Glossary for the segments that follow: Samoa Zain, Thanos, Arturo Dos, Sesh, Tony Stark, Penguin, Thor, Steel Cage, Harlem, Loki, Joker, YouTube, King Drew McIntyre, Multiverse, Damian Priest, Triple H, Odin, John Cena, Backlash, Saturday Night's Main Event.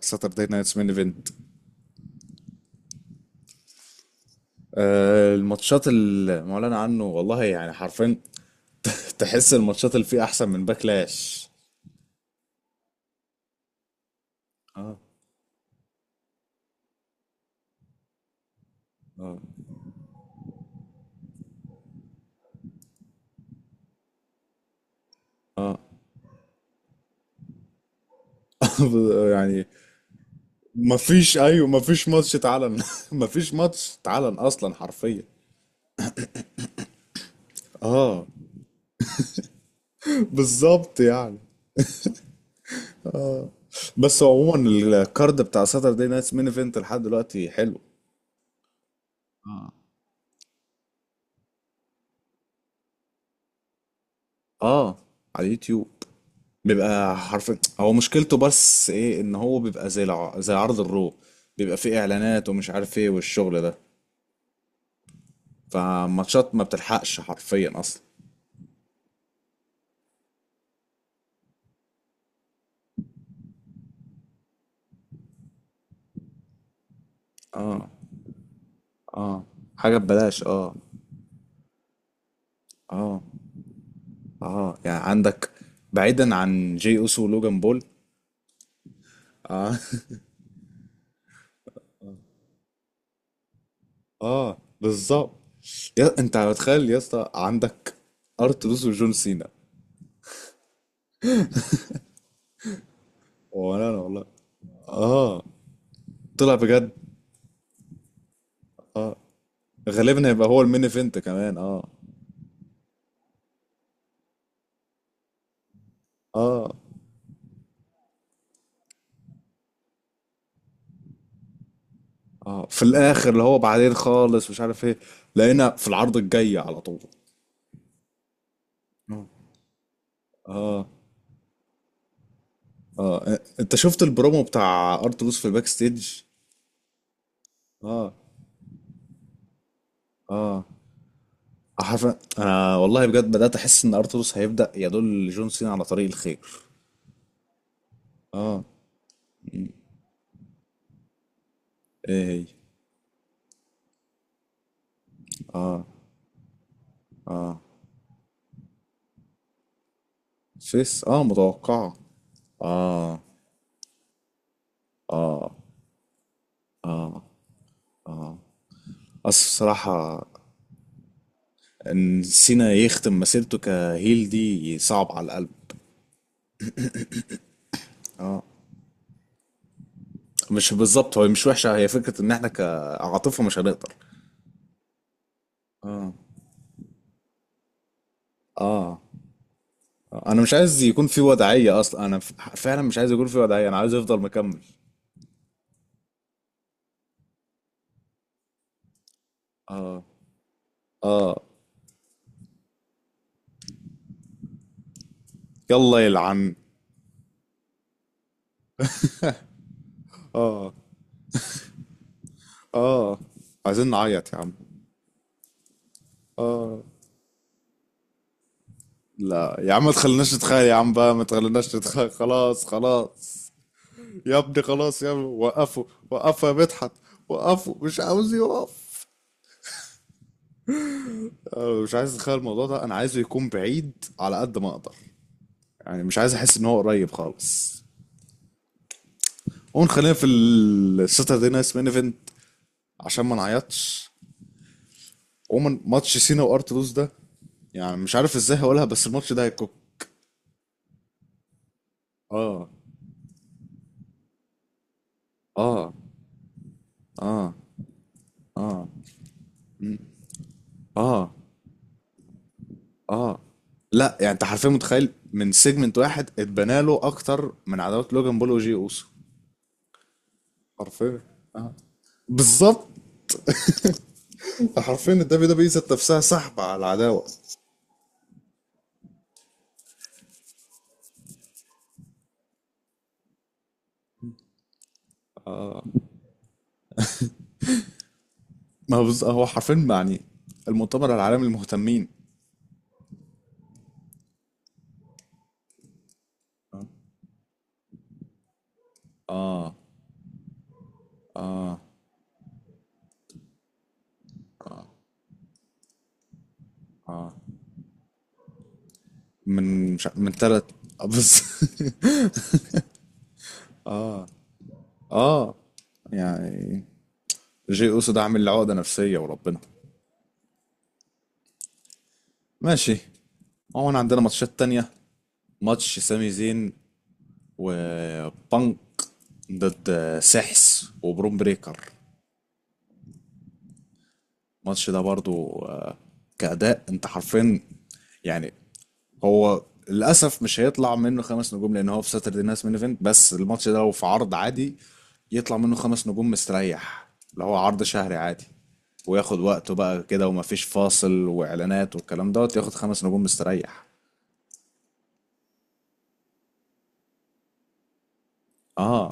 ساتردي نايتس مين ايفنت. الماتشات المعلن عنه والله يعني حرفيا. تحس الماتشات اللي فيه احسن من باكلاش. اه. يعني مفيش، ايوه، مفيش ماتش اتعلن. مفيش ماتش اتعلن اصلا حرفيا. اه، بالظبط يعني. بس عموما الكارد بتاع ساتردي نايتس مين ايفنت لحد دلوقتي حلو. اه، على اليوتيوب. بيبقى حرفيا هو مشكلته بس ايه، ان هو بيبقى زي عرض الرو. بيبقى فيه اعلانات ومش عارف ايه والشغل ده. فماتشات ما بتلحقش حرفيا اصلا. اه. اه، حاجة ببلاش. اه. اه. اه، يعني عندك، بعيدا عن جي اوسو ولوجان بول. اه. اه، بالظبط. يا انت متخيل يا اسطى؟ عندك ارت دوس وجون سينا. وانا والله. اه، طلع بجد. آه. غالبا هيبقى هو المين ايفنت كمان. اه. اه. اه، في الاخر اللي هو بعدين خالص مش عارف ايه. لقينا في العرض الجاي على طول. اه. اه. اه، انت شفت البرومو بتاع ارتروس في الباك ستيج؟ اه. اه، عارف. انا والله بجد بدات احس ان ارتروس هيبدا يدل جون سينا على طريق الخير. اه. ايه هي؟ فيس. اه، متوقعه. اصل بصراحه، ان سينا يختم مسيرته كهيل دي صعب على القلب. مش بالظبط، هو مش وحشه، هي فكره ان احنا كعاطفه مش هنقدر. اه. انا مش عايز يكون في وضعيه اصلا، انا فعلا مش عايز يكون في وضعيه، انا عايز افضل مكمل. اه. اه. يلا يلعن. اه، عايزين نعيط يا عم. لا يا عم، ما تخليناش نتخيل يا عم بقى، ما تخليناش نتخيل، خلاص خلاص. يا ابني خلاص يا ابني، وقفوا. وقفوا يا مدحت. وقفوا، مش عاوز يقف. أنا مش عايز اتخيل الموضوع ده، انا عايزه يكون بعيد على قد ما اقدر. يعني مش عايز احس ان هو قريب خالص. قوم خلينا في الساتردي نايت مين ايفنت عشان ما نعيطش. عموما ماتش سينا وارتلوس ده، يعني مش عارف ازاي هقولها بس الماتش ده هيكون. اه. اه. اه. اه. اه. اه. لا يعني انت حرفيا متخيل من سيجمنت واحد اتبنى له اكتر من عداوات لوجان بول وجي اوسو. حرفيا. اه، بالظبط. انت حرفيا الدبليو دبليو ذات نفسها سحب على العداوه. ما هو هو حرفيا يعني المؤتمر العالمي للمهتمين. اه. اه. اه، من مش ع- من ثلاث بس. اه، يعني جي اوسو ده عامل لي عقدة نفسية وربنا. ماشي. عموما عندنا ماتشات تانية. ماتش سامي زين وبانك ضد سحس وبروم بريكر. الماتش ده برضو كأداء، انت حرفيا، يعني هو للأسف مش هيطلع منه خمس نجوم لأن هو في ساتردي نايت مين ايفنت، بس الماتش ده لو في عرض عادي يطلع منه خمس نجوم مستريح، اللي هو عرض شهري عادي. وياخد وقته بقى كده، ومفيش فاصل وإعلانات والكلام دوت، ياخد خمس نجوم مستريح. اه،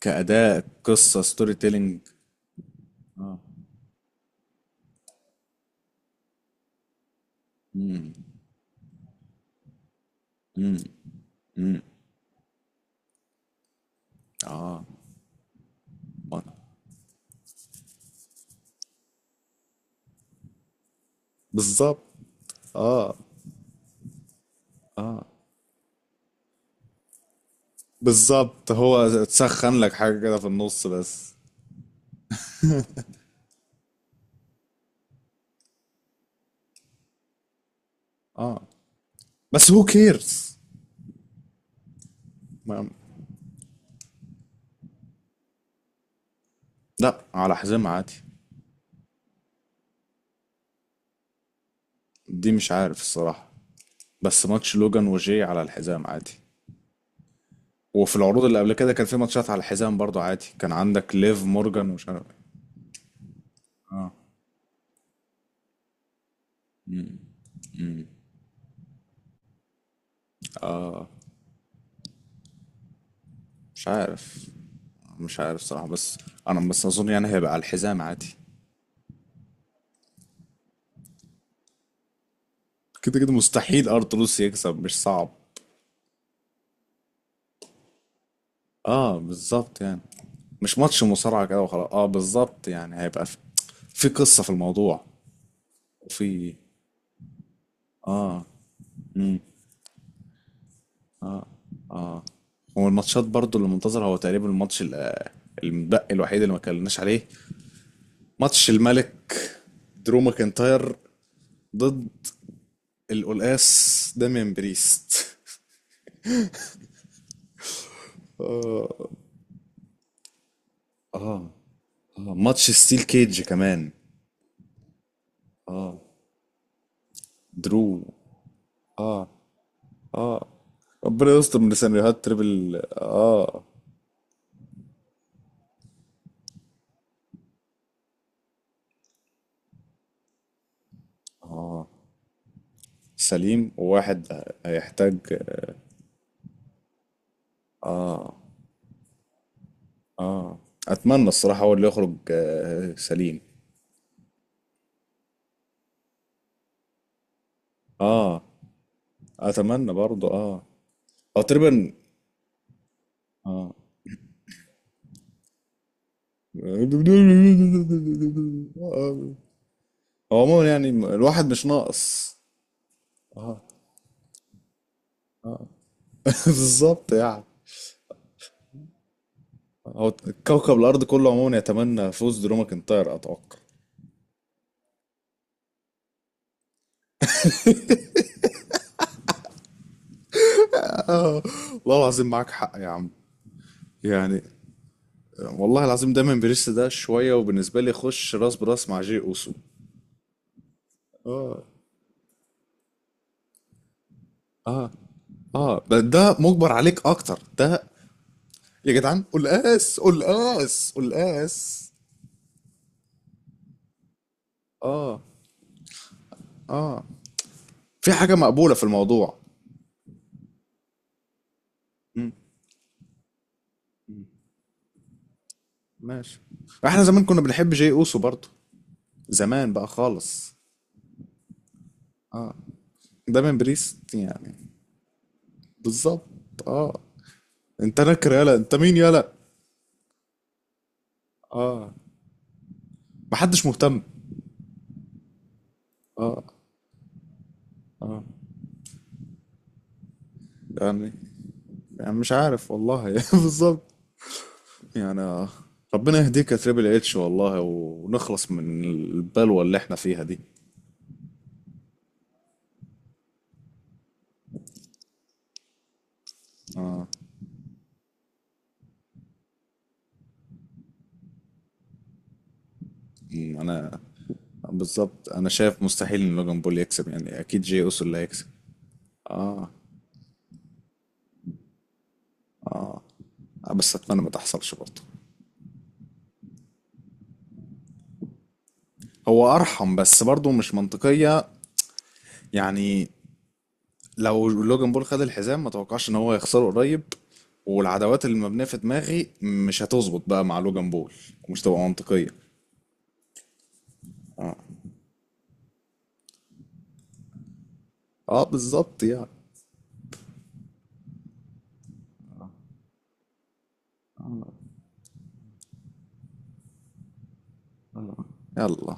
كأداء قصة ستوري تيلينج. اه. آه. بالظبط. بالظبط، هو تسخن لك حاجة كده في النص بس. اه، بس هو كيرز. ما... لا، على حزام عادي. دي مش عارف الصراحة. بس ماتش لوجان وجاي على الحزام عادي. وفي العروض اللي قبل كده كان في ماتشات على الحزام برضو عادي، كان عندك ليف مورجان ومش عارف. اه، مش عارف. مش عارف صراحة، بس انا بس اظن يعني هيبقى على الحزام عادي. كده كده مستحيل ارتلوس يكسب، مش صعب. اه، بالظبط يعني. مش ماتش مصارعة كده وخلاص. اه، بالظبط يعني هيبقى في، في قصة في الموضوع، وفي. هو الماتشات برضو اللي منتظر، هو تقريبا الماتش المتبقي الوحيد اللي ما اتكلمناش عليه. ماتش الملك درو ماكنتاير ضد القلقاس داميان بريست. ماتش ستيل كيج كمان. درو. ربنا يستر من سيناريوهات تريبل. اه، سليم وواحد هيحتاج. اه، اتمنى الصراحة هو اللي يخرج سليم. اه، اتمنى برضو. اه، او تقريبا. اه، هو عموما يعني الواحد مش ناقص. بالظبط يعني، هو كوكب الأرض كله عموما يتمنى فوز درو ماكنتاير، أتوقع. والله العظيم معاك حق يا عم، يعني والله العظيم دايما بريس ده شوية، وبالنسبة لي يخش راس براس مع جي أوسو. اه. اه. اه، ده مجبر عليك أكتر ده. يا جدعان، قول اس، قول اس، قول اس. اه. اه، في حاجة مقبولة في الموضوع. ماشي. احنا زمان كنا بنحب جي اوسو برضه، زمان بقى خالص. آه. دايما بريست يعني. بالظبط. اه، انت نكر يالا، انت مين يالا. اه، محدش مهتم. اه، يعني. يعني مش عارف والله. بالظبط يعني. ربنا يهديك يا تريبل اتش والله ونخلص من البلوة اللي احنا فيها دي. مم. انا بالظبط، انا شايف مستحيل ان لوجان بول يكسب، يعني اكيد جي اوسو اللي هيكسب. اه. بس اتمنى ما تحصلش برضه. هو ارحم بس برضه مش منطقية. يعني لو لوجان بول خد الحزام ما توقعش ان هو يخسره قريب. والعداوات اللي مبنيه في دماغي مش هتظبط بقى مع لوجان بول. ومش تبقى منطقيه. اه، بالظبط يعني. يلا.